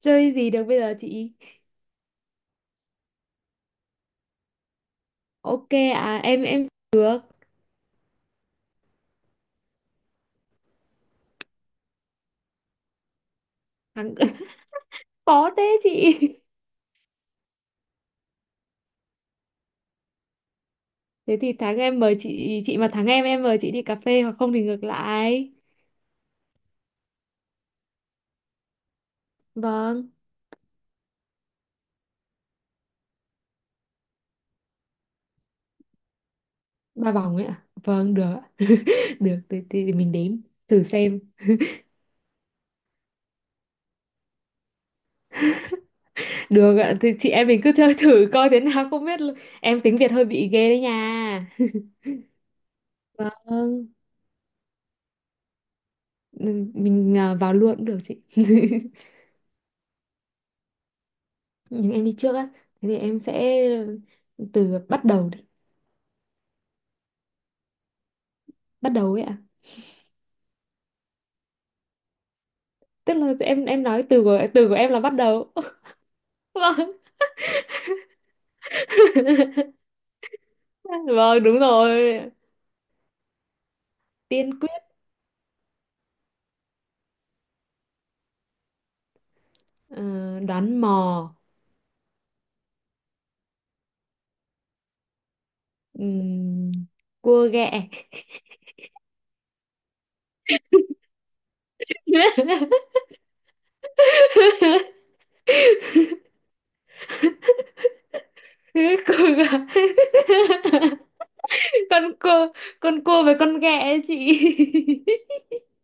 Chơi gì được bây giờ chị? Ok. À, em được. Thắng. Khó thế chị. Thế thì thắng em mời chị mà thắng em mời chị đi cà phê, hoặc không thì ngược lại. Vâng. Ba vòng ấy ạ? Vâng, được ạ. Được thì mình đếm thử xem. Được ạ, thì chị em mình cứ chơi thử coi thế nào, không biết luôn. Em tiếng Việt hơi bị ghê đấy nha. Vâng. Ừ, mình à, vào luôn cũng được chị. Nhưng em đi trước á. Thế thì em sẽ từ bắt đầu đi. Bắt đầu ấy ạ. Tức là em nói từ của em là bắt đầu. Vâng. Vâng, đúng rồi. Tiên quyết. ờ, đoán mò. ừm, cua ghẹ. Cua ghẹ. con cua con cua với con ghẹ ấy chị.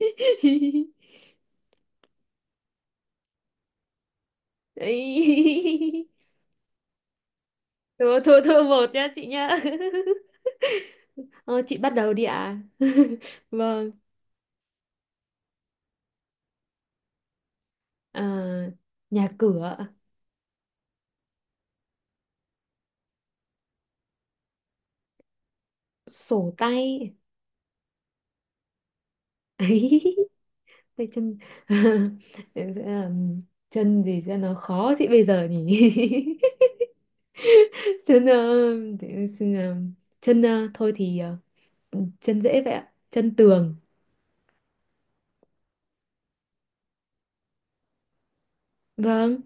Ấy. Thua, thua, thua một nha chị nha. Ờ, chị bắt đầu đi ạ. Vâng. Ờ, nhà cửa. Sổ tay. Tay chân. Em sẽ làm chân gì cho nó khó chị bây giờ nhỉ? Chân, để em xin làm chân, thôi thì, chân dễ vậy ạ. Chân tường. Vâng.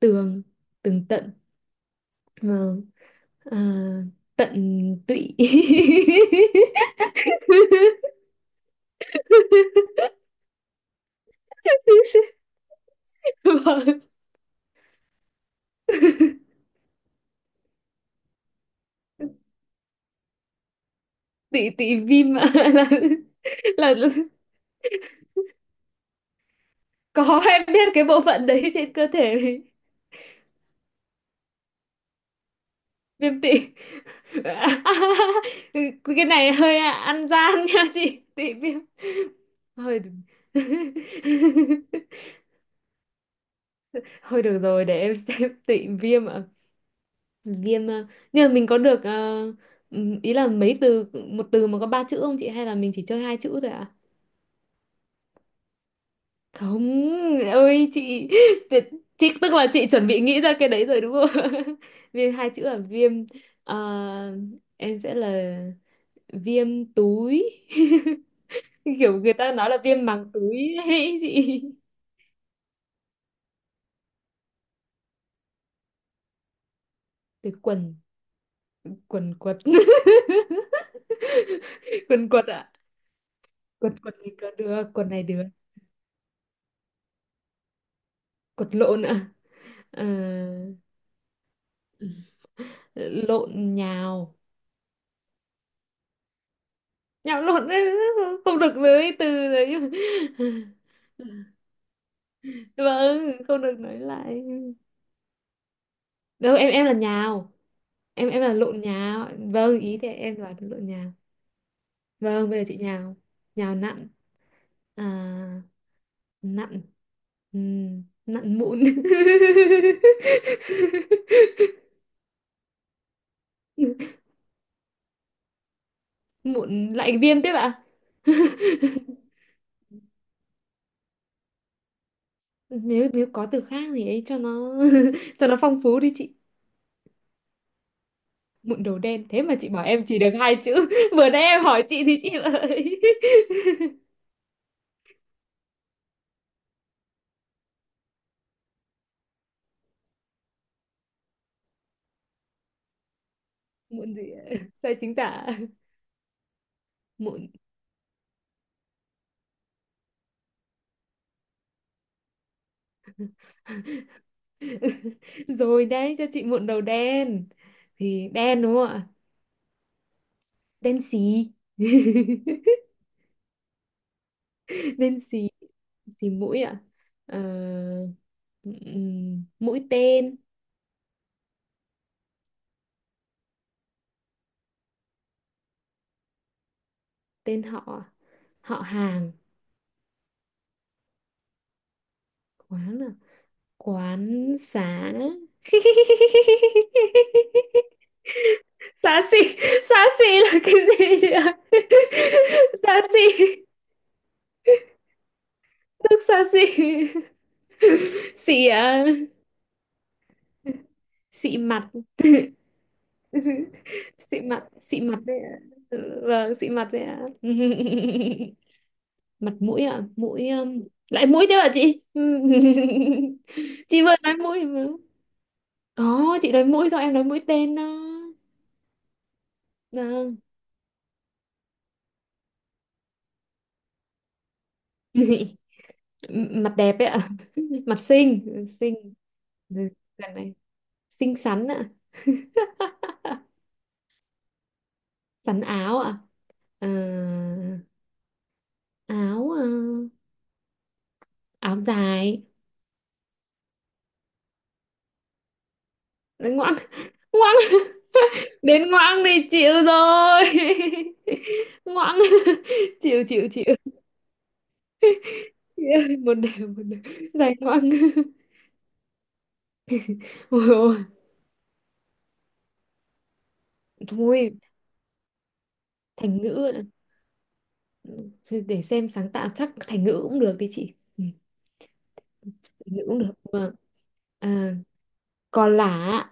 Tường. Tường tận. Vâng. À, tận tụy. Vâng, tụy tụy viêm ạ, là, là. Có, em biết cái bộ phận đấy trên cơ thể. Viêm tị. Cái này hơi ăn gian nha chị, tị viêm. Hơi. Thôi được rồi, để em xem. Tị viêm ạ. Viêm, nhưng mà mình có được, ý là mấy từ một từ mà có ba chữ không chị, hay là mình chỉ chơi hai chữ thôi ạ? Không ơi chị. tuyệt- chị tức là chị chuẩn bị nghĩ ra cái đấy rồi đúng không? Viêm hai chữ là viêm, ờ, em sẽ là viêm túi. Kiểu người ta nói là viêm màng túi ấy chị từ quần. Quần quật. Quần quật ạ. Quật quật này có được. Quần này được. Quật lộn ạ. Ờ, lộn nhào. Nhào lộn ấy, không được lấy từ đấy vâng, không được nói lại. Đâu em là nhào. Em là lộn nhào. Vâng, ý thì em đoán là lộn nhào. Vâng, bây giờ chị nhào. Nhào nặn. À, nặn. Nặn mụn. Mụn lại viêm tiếp ạ? Nếu nếu có từ khác thì ấy cho nó, cho nó phong phú đi chị. Mụn đầu đen? Thế mà chị bảo em chỉ được hai chữ. Vừa nãy em hỏi chị thì chị ơi. Mụn gì ạ? Sai chính tả. Mụn. Rồi đấy, cho chị mụn đầu đen thì đen đúng không ạ? Đen xì. Bên xì. Xì mũi ạ. Ờ, mũi tên. Tên họ. Họ hàng. Quán à? Quán xá. Xá xì. Xá xì là cái gì chị ạ? Xá xỉ. Nước xá xì. Xỉ à, xị mặt. Xị mặt. Xị mặt đấy ạ. Vâng, xị mặt đấy ạ. Mặt mũi ạ. Mũi, lại mũi thế ạ chị? Chị vừa nói mũi mà. Có, chị nói mũi sao em nói mũi tên đó. Vâng. Mặt đẹp ấy ạ. Mặt xinh. Ừ, xinh. Ừ, gần này. Xinh xắn ạ. Xắn áo ạ. Ờ, áo, áo dài. Đấy, ngoãng. Ngoãng. Đến ngoãng này chịu rồi. Ngoãng. Chịu, chịu, chịu. Một đều, một đều. Dài ngoằng. Ôi ôi. Thôi. Thành ngữ ạ. Thôi để xem sáng tạo, chắc thành ngữ cũng được đi chị. Ừ, thành ngữ cũng được mà. À, còn lả ạ.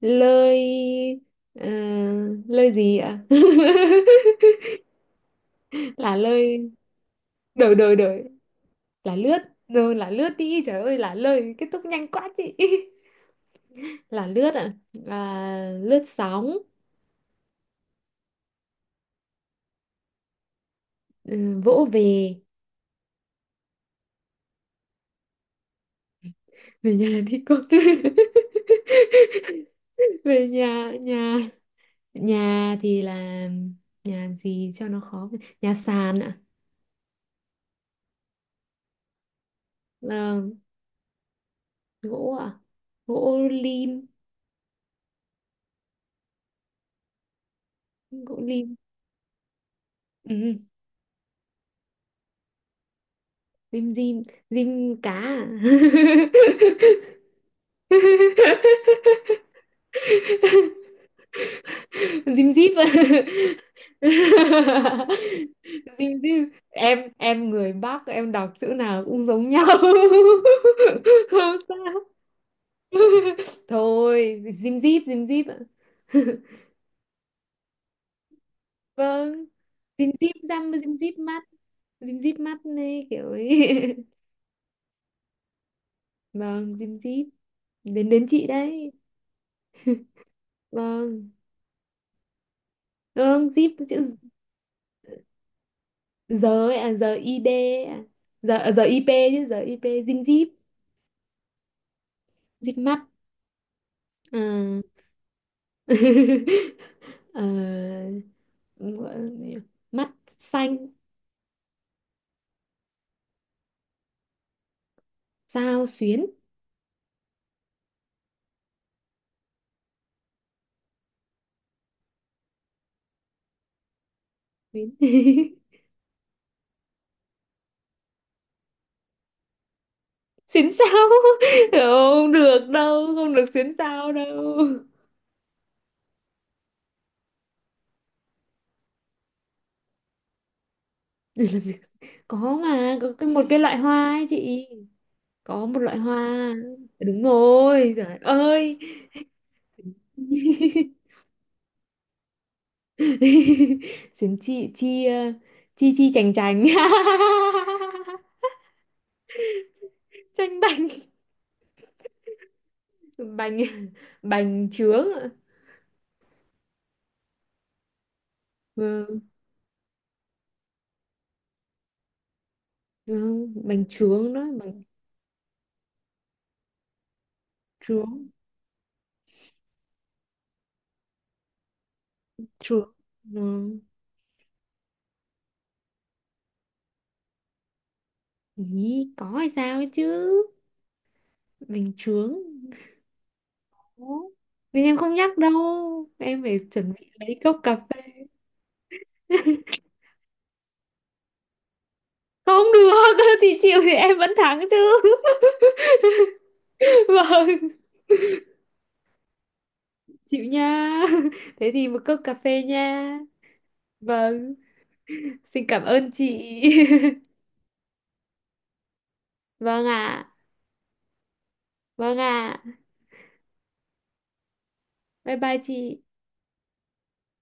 Lơi. À, lơi gì ạ? Là lơi. Đổi, đổi, đổi. Là lướt. Rồi là lướt đi, trời ơi, là lơi kết thúc nhanh quá chị. Là lướt ạ. À, lướt sóng. Ừ, vỗ về. Về nhà đi con. Về nhà. Nhà. Nhà thì là nhà gì cho nó khó. Nhà sàn ạ. Là gỗ ạ. Gỗ lim. Gỗ lim. Ừ, ừ, lim dim. Dim cá à? Dim dip ạ. Dim dip, em người Bắc, em đọc chữ nào cũng giống nhau. Không sao. Thôi, dim díp. Dim díp ạ. Vâng, dim díp răm, dim díp mắt. Dim díp mắt này kiểu ấy. Vâng, dim díp. Đến đến chị đấy. Vâng. Vâng, díp chữ giờ ấy à? Giờ id ấy à? Giờ à, giờ ip chứ. Giờ ip, dim díp, díp mắt. À. Ờ, gọi là gì nhỉ? Mắt xanh. Sao xuyến. Xuyến. Xuyến sao. Không được đâu, không được xuyến sao đâu. Để làm gì, có mà, có cái, một cái loại hoa ấy chị. Có một loại hoa, đúng rồi, trời ơi. Xuyến chi. Chi, chi chi chành chành. Chanh bành. Bành. Bành trướng ạ. Vâng. Vâng, bành trướng đó. Bành trướng. Trướng. Vâng. Ý có hay sao ấy chứ. Bình chướng. Ủa? Nhưng em không nhắc đâu, em phải chuẩn bị lấy cốc cà phê. Không được, chị chịu thì em vẫn thắng chứ. Vâng, chịu nha, thế thì một cốc cà phê nha. Vâng, xin cảm ơn chị. Vâng ạ. Vâng ạ. Bye bye chị.